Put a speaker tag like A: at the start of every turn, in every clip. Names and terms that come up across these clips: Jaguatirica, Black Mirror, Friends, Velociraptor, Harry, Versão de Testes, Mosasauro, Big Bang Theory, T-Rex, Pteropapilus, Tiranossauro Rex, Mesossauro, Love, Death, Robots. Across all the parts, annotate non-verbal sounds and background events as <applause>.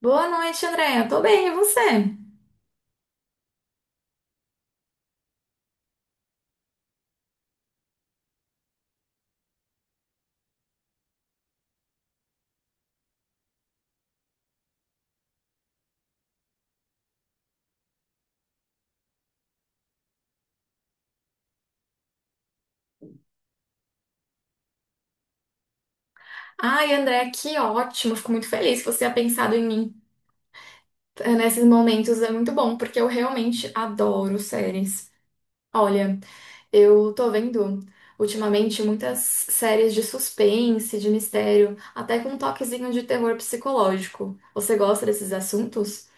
A: Boa noite, Andréia. Tô bem, e você? Ai, Andréia, que ótimo. Fico muito feliz que você tenha pensado em mim nesses momentos. É muito bom, porque eu realmente adoro séries. Olha, eu tô vendo ultimamente muitas séries de suspense, de mistério, até com um toquezinho de terror psicológico. Você gosta desses assuntos?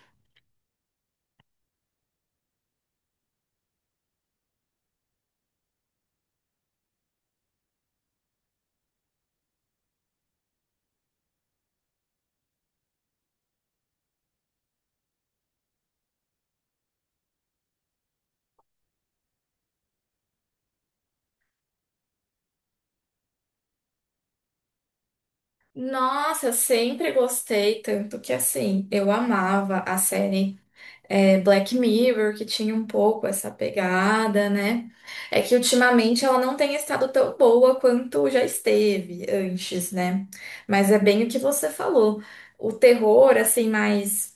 A: Nossa, eu sempre gostei, tanto que assim, eu amava a série. Black Mirror, que tinha um pouco essa pegada, né? É que ultimamente ela não tem estado tão boa quanto já esteve antes, né? Mas é bem o que você falou. O terror, assim, mais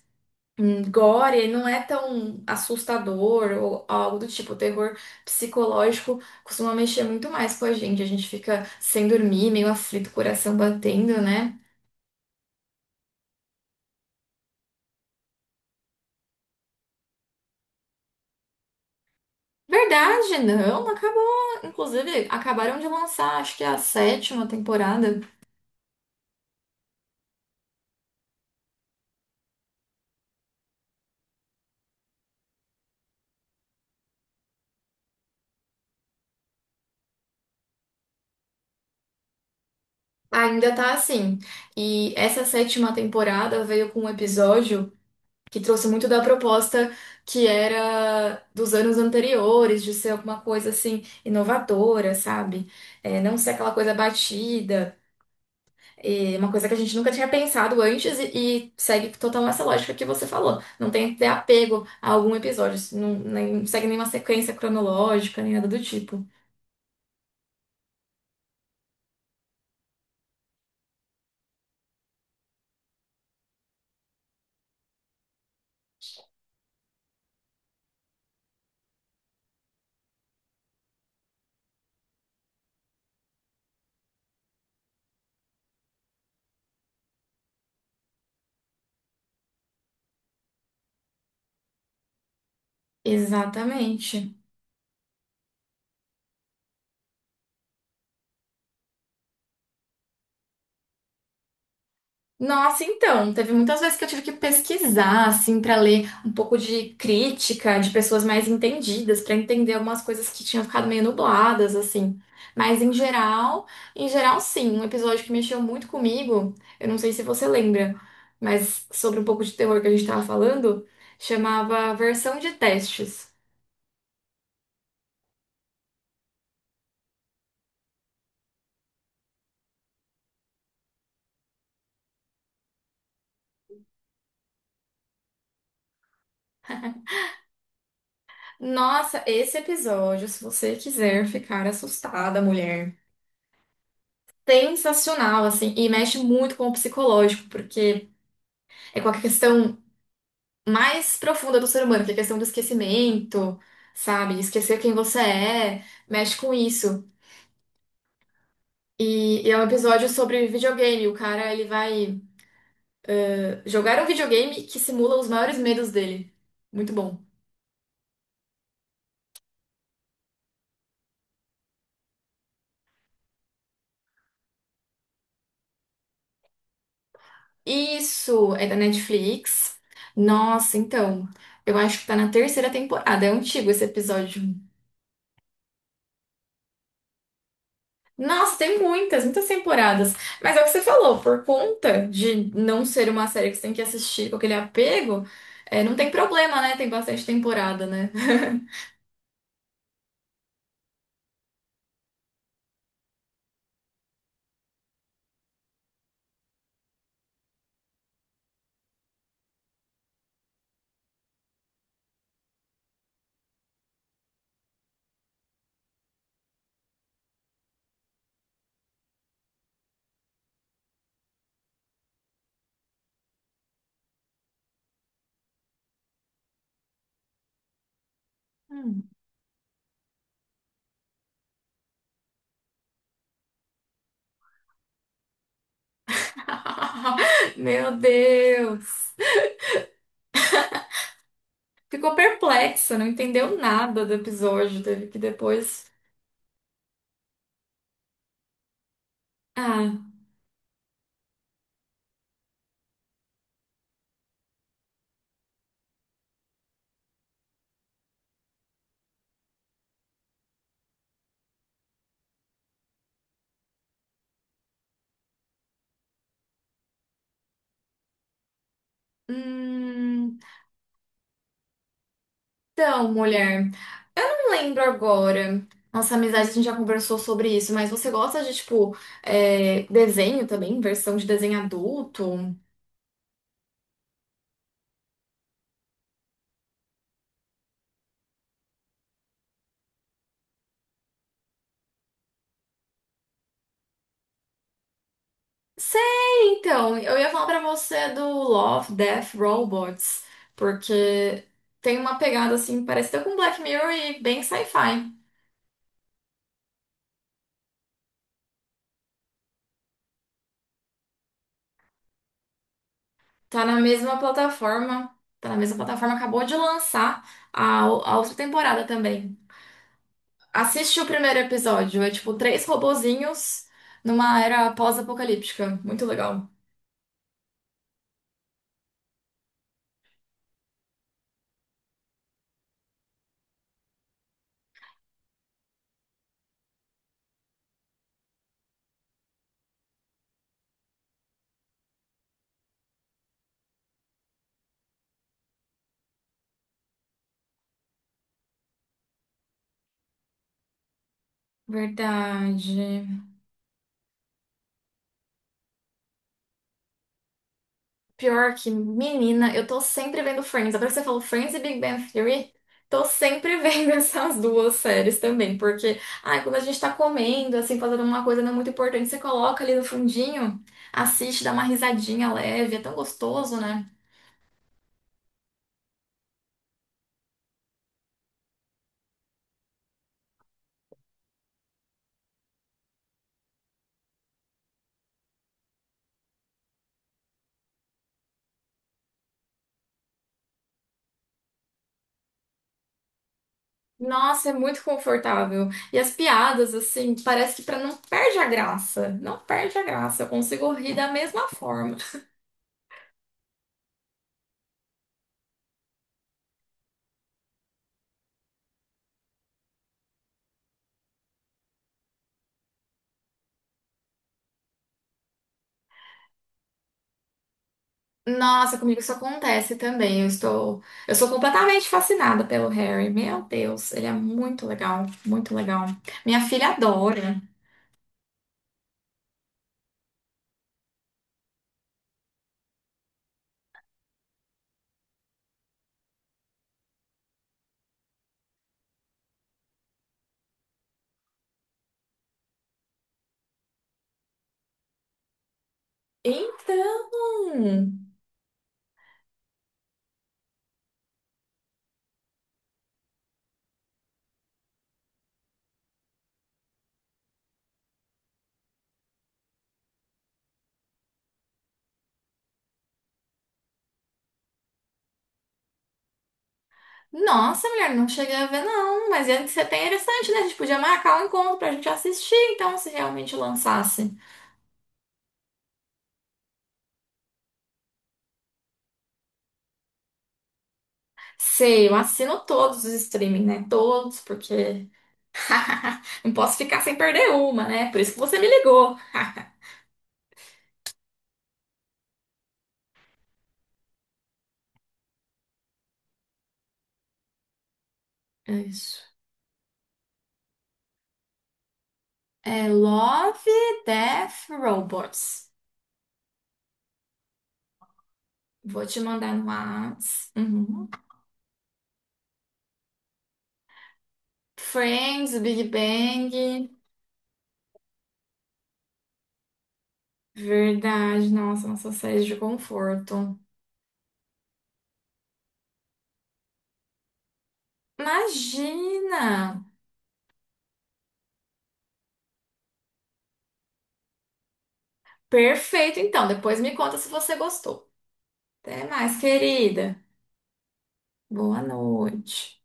A: gore, ele não é tão assustador ou algo do tipo. O terror psicológico costuma mexer muito mais com a gente. A gente fica sem dormir, meio aflito, coração batendo, né? Verdade, não, acabou. Inclusive, acabaram de lançar, acho que a sétima temporada. Ainda tá assim. E essa sétima temporada veio com um episódio que trouxe muito da proposta que era dos anos anteriores, de ser alguma coisa assim inovadora, sabe? É, não ser aquela coisa batida. É uma coisa que a gente nunca tinha pensado antes e segue total essa lógica que você falou. Não tem que ter apego a algum episódio, não, não segue nenhuma sequência cronológica, nem nada do tipo. Exatamente. Nossa, então, teve muitas vezes que eu tive que pesquisar, assim, para ler um pouco de crítica de pessoas mais entendidas, para entender algumas coisas que tinham ficado meio nubladas, assim. Mas em geral, sim, um episódio que mexeu muito comigo, eu não sei se você lembra, mas sobre um pouco de terror que a gente estava falando, chamava Versão de Testes. Nossa, esse episódio, se você quiser ficar assustada, mulher, sensacional, assim, e mexe muito com o psicológico, porque. É com a questão mais profunda do ser humano, que é a questão do esquecimento, sabe? Esquecer quem você é, mexe com isso. E é um episódio sobre videogame. O cara, ele vai jogar um videogame que simula os maiores medos dele. Muito bom. Isso é da Netflix. Nossa, então, eu acho que tá na terceira temporada. É antigo esse episódio. Nossa, tem muitas, muitas temporadas. Mas é o que você falou, por conta de não ser uma série que você tem que assistir com aquele apego, é, não tem problema, né? Tem bastante temporada, né? Hum. <laughs> Meu Deus! Ficou perplexa, não entendeu nada do episódio, teve que depois. Ah. Hum. Então, mulher, eu lembro agora. Nossa amizade, a gente já conversou sobre isso, mas você gosta de, tipo, desenho também? Versão de desenho adulto? Sei, então, eu ia falar pra você do Love, Death, Robots, porque tem uma pegada assim parecida com Black Mirror e bem sci-fi. Tá na mesma plataforma, tá na mesma plataforma, acabou de lançar a outra temporada também. Assiste o primeiro episódio, é tipo três robozinhos numa era pós-apocalíptica, muito legal. Verdade. Pior que, menina, eu tô sempre vendo Friends. Agora que você falou Friends e Big Bang Theory, tô sempre vendo <laughs> essas duas séries também. Porque, ai, quando a gente tá comendo, assim, fazendo uma coisa não é muito importante, você coloca ali no fundinho, assiste, dá uma risadinha leve, é tão gostoso, né? Nossa, é muito confortável. E as piadas, assim, parece que pra não perde a graça. Não perde a graça. Eu consigo rir da mesma forma. Nossa, comigo isso acontece também. Eu estou, eu sou completamente fascinada pelo Harry. Meu Deus, ele é muito legal, muito legal. Minha filha adora. Então, nossa, mulher, não cheguei a ver não, mas ia ser bem interessante, né? A gente podia marcar um encontro pra gente assistir, então, se realmente lançasse. Sei, eu assino todos os streaming, né? Todos, porque <laughs> não posso ficar sem perder uma, né? Por isso que você me ligou. <laughs> É isso. É Love, Death, Robots. Vou te mandar no Whats. Uhum. Friends, Big Bang. Verdade, nossa, nossa série de conforto. Imagina! Perfeito, então. Depois me conta se você gostou. Até mais, querida. Boa noite.